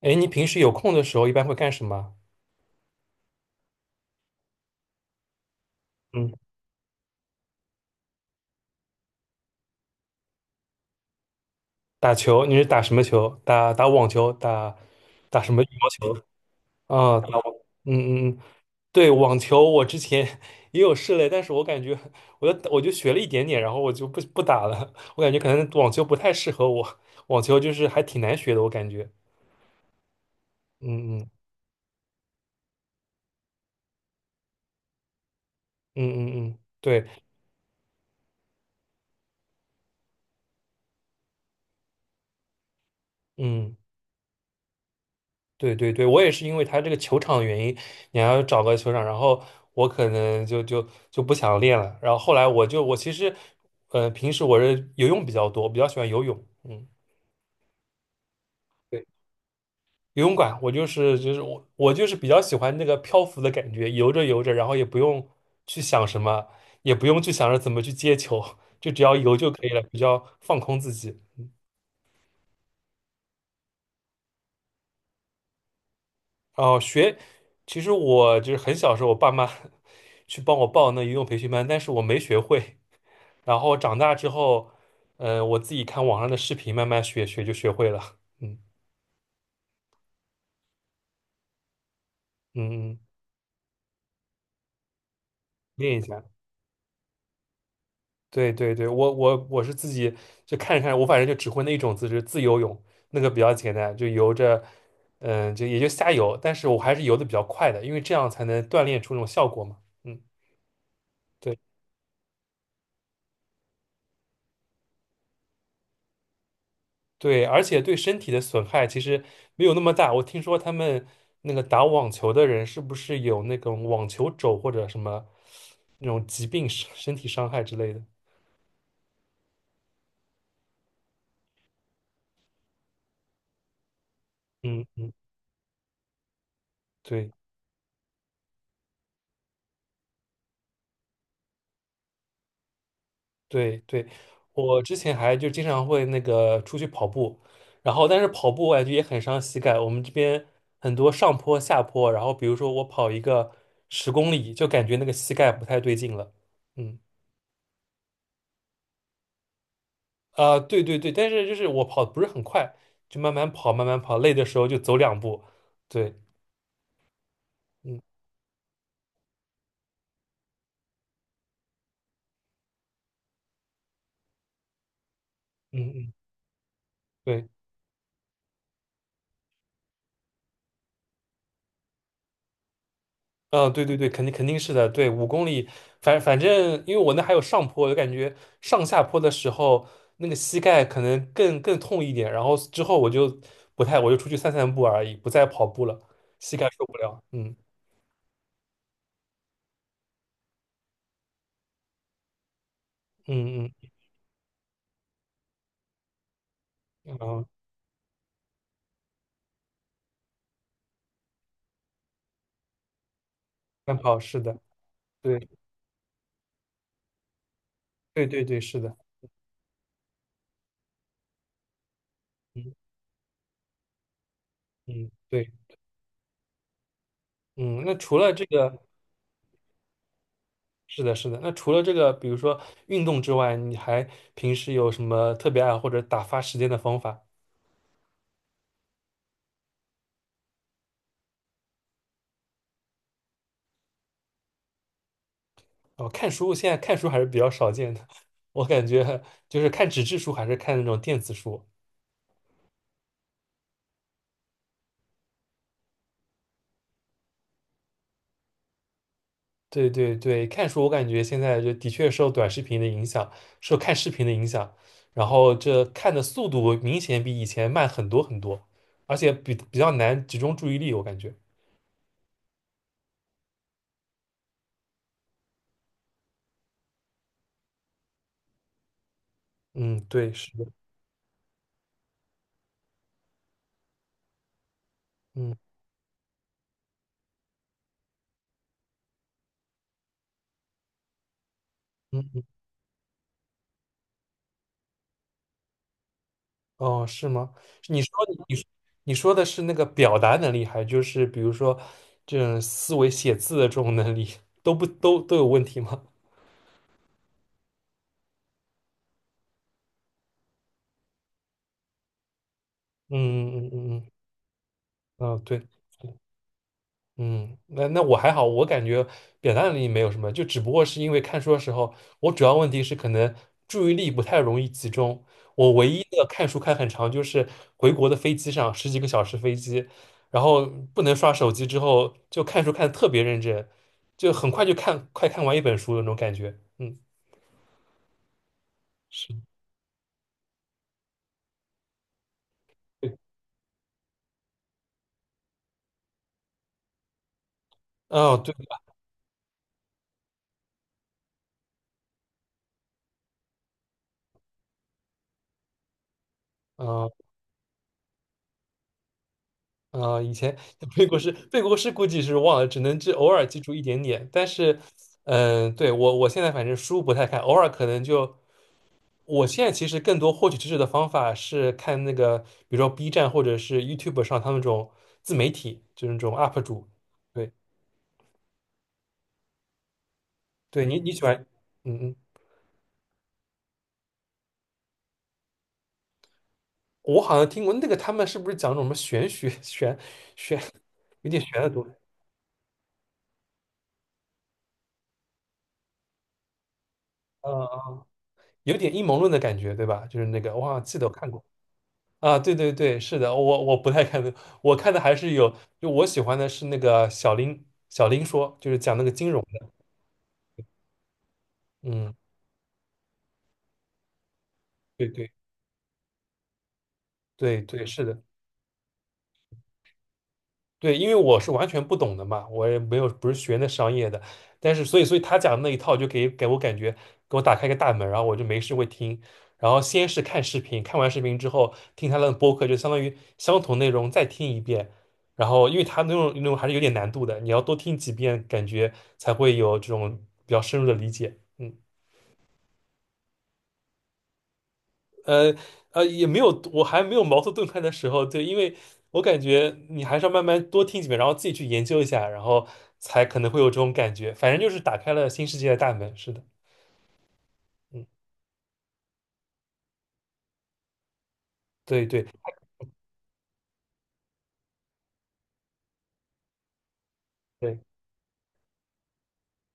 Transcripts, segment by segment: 哎，你平时有空的时候一般会干什么？嗯，打球，你是打什么球？打网球，打什么羽毛球？啊，嗯嗯嗯，对，网球我之前 也有试了，但是我感觉我就学了一点点，然后我就不打了。我感觉可能网球不太适合我，网球就是还挺难学的，我感觉。嗯嗯嗯嗯嗯，对，嗯。对对对，我也是因为他这个球场的原因，你还要找个球场，然后我可能就不想练了。然后后来我其实，平时我是游泳比较多，我比较喜欢游泳，嗯，对，游泳馆我就是比较喜欢那个漂浮的感觉，游着游着，然后也不用去想什么，也不用去想着怎么去接球，就只要游就可以了，比较放空自己。哦，其实我就是很小时候，我爸妈 去帮我报那游泳培训班，但是我没学会，然后长大之后，嗯、我自己看网上的视频，慢慢学学就学会了。嗯嗯，嗯，练一下。对对对，我是自己就看着看我反正就只会那一种姿势，自由泳，那个比较简单，就游着，嗯、也就瞎游，但是我还是游的比较快的，因为这样才能锻炼出那种效果嘛。嗯，对。对，而且对身体的损害其实没有那么大。我听说他们那个打网球的人是不是有那种网球肘或者什么那种疾病、身体伤害之类的？嗯嗯，对对对，我之前还就经常会那个出去跑步，然后但是跑步我感觉也很伤膝盖。我们这边很多上坡下坡，然后比如说我跑一个10公里，就感觉那个膝盖不太对劲了。嗯。啊、对对对，但是就是我跑得不是很快，就慢慢跑，慢慢跑，累的时候就走两步。对，嗯嗯嗯，对，啊、对对对，肯定肯定是的。对，5公里，反正因为我那还有上坡，我就感觉上下坡的时候那个膝盖可能更痛一点，然后之后我就不太，我就出去散散步而已，不再跑步了，膝盖受不了。嗯嗯嗯，然后慢跑是的，对对对对，是的，嗯嗯对，嗯，那除了这个。是的，是的。那除了这个，比如说运动之外，你还平时有什么特别爱或者打发时间的方法？哦，看书，现在看书还是比较少见的。我感觉就是看纸质书，还是看那种电子书。对对对，看书我感觉现在就的确受短视频的影响，受看视频的影响，然后这看的速度明显比以前慢很多很多，而且比较难集中注意力，我感觉。嗯，对，是的，嗯嗯。嗯。哦，是吗？你说你你说的是那个表达能力，还就是比如说这种思维写字的这种能力，都不都都有问题吗？嗯嗯嗯嗯，嗯哦，对。嗯，那我还好，我感觉表达能力没有什么，就只不过是因为看书的时候，我主要问题是可能注意力不太容易集中。我唯一的看书看很长，就是回国的飞机上十几个小时飞机，然后不能刷手机之后，就看书看的特别认真，就很快快看完一本书的那种感觉。嗯，是，对，哦，对，哦啊、以前 背过诗，估计是忘了，只偶尔记住一点点。但是，嗯、对，我现在反正书不太看，偶尔可能就我现在其实更多获取知识的方法是看那个，比如说 B 站或者是 YouTube 上他们这种自媒体，就是那种 UP 主。对，对你喜欢，嗯嗯，我好像听过那个他们是不是讲那种什么玄学玄有点玄的东西，嗯、有点阴谋论的感觉，对吧？就是那个我好像记得我看过。啊，对对对，是的，我不太看的，我看的还是有，就我喜欢的是那个小林说，就是讲那个金融的，嗯，对对对对，是的。对，因为我是完全不懂的嘛，我也没有不是学那商业的，但是所以他讲的那一套就给我感觉给我打开一个大门，然后我就没事会听，然后先是看视频，看完视频之后听他的播客，就相当于相同内容再听一遍，然后因为他那种还是有点难度的，你要多听几遍，感觉才会有这种比较深入的理解。嗯。呃也没有，我还没有茅塞顿开的时候，对，因为我感觉你还是要慢慢多听几遍，然后自己去研究一下，然后才可能会有这种感觉。反正就是打开了新世界的大门，是的，嗯，对对对，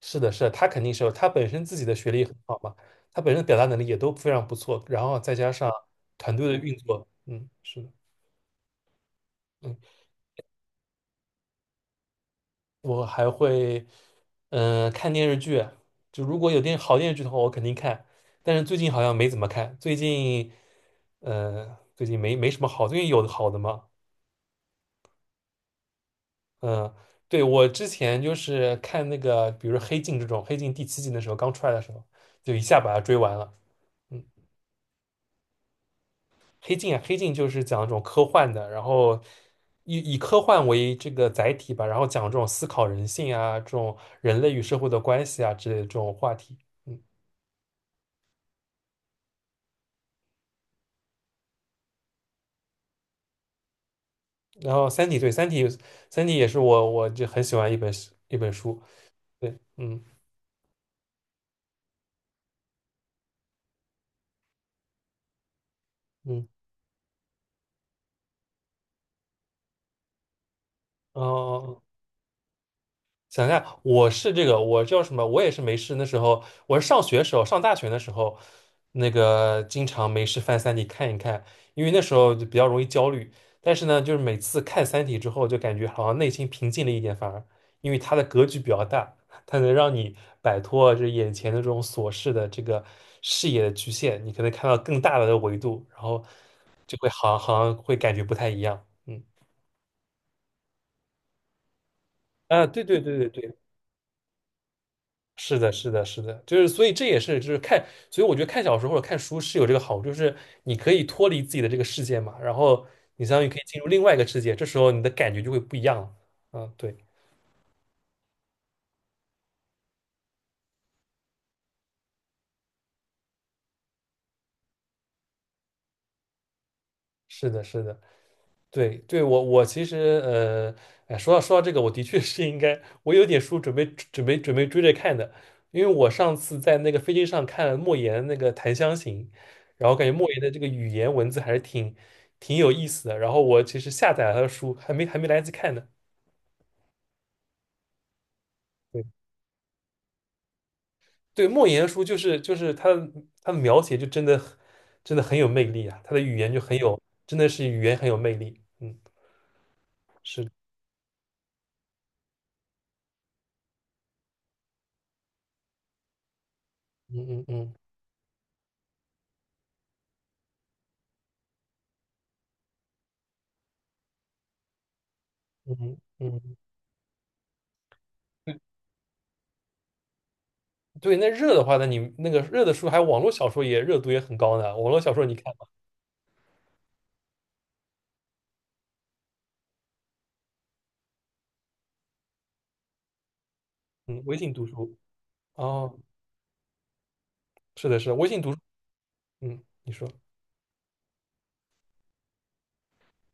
是的，是的，他肯定是有，他本身自己的学历也很好嘛，他本身表达能力也都非常不错，然后再加上团队的运作，嗯，是的。嗯。我还会，嗯、看电视剧。就如果有好电视剧的话，我肯定看。但是最近好像没怎么看。最近，嗯、最近没什么好。最近有好的吗？嗯、对，我之前就是看那个，比如说《黑镜》这种，《黑镜》第七季的时候刚出来的时候，就一下把它追完了。嗯，《黑镜》啊，《黑镜》就是讲这种科幻的，然后以科幻为这个载体吧，然后讲这种思考人性啊，这种人类与社会的关系啊之类的这种话题。嗯然后《三体》对，《三体》也是我就很喜欢一本书。对，嗯嗯，哦。哦哦想一下，我是这个，我叫什么？我也是没事。那时候我是上学时候，上大学的时候，那个经常没事翻《三体》看一看，因为那时候就比较容易焦虑。但是呢，就是每次看《三体》之后，就感觉好像内心平静了一点，反而因为它的格局比较大，它能让你摆脱这眼前的这种琐事的这个视野的局限，你可能看到更大的维度，然后就会好像会感觉不太一样。嗯，啊，对对对对对。是的，是的，是的，就是所以这也是就是看，所以我觉得看小说或者看书是有这个好处，就是你可以脱离自己的这个世界嘛，然后你相当于可以进入另外一个世界，这时候你的感觉就会不一样了。嗯，对，是的，是的。对对，我其实呃，哎，说到这个，我的确是应该，我有点书准备准备追着看的，因为我上次在那个飞机上看了莫言那个《檀香刑》，然后感觉莫言的这个语言文字还是挺有意思的，然后我其实下载了他的书，还没来得及看呢。对对，莫言的书就是他的描写就真的很有魅力啊，他的语言就很有，真的是语言很有魅力。嗯，是的嗯嗯嗯嗯嗯。嗯对，那热的话，那你那个热的书，还有网络小说也热度也很高呢。网络小说你看吗？嗯，微信读书。哦，是的，是的，微信读书。嗯，你说，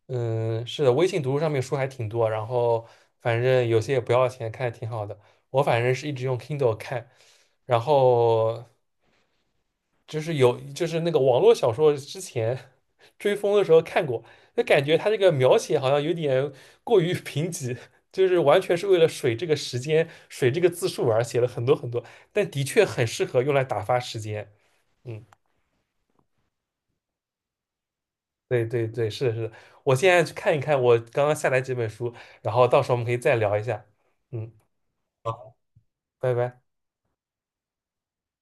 嗯，是的，微信读书上面书还挺多，然后反正有些也不要钱，看着挺好的。我反正是一直用 Kindle 看，然后就是有就是那个网络小说之前 追风的时候看过，就感觉它这个描写好像有点过于 贫瘠，就是完全是为了水这个时间、水这个字数而写了很多很多，但的确很适合用来打发时间。嗯，对对对，是的，是的，我现在去看一看我刚刚下载几本书，然后到时候我们可以再聊一下。嗯，好，拜拜。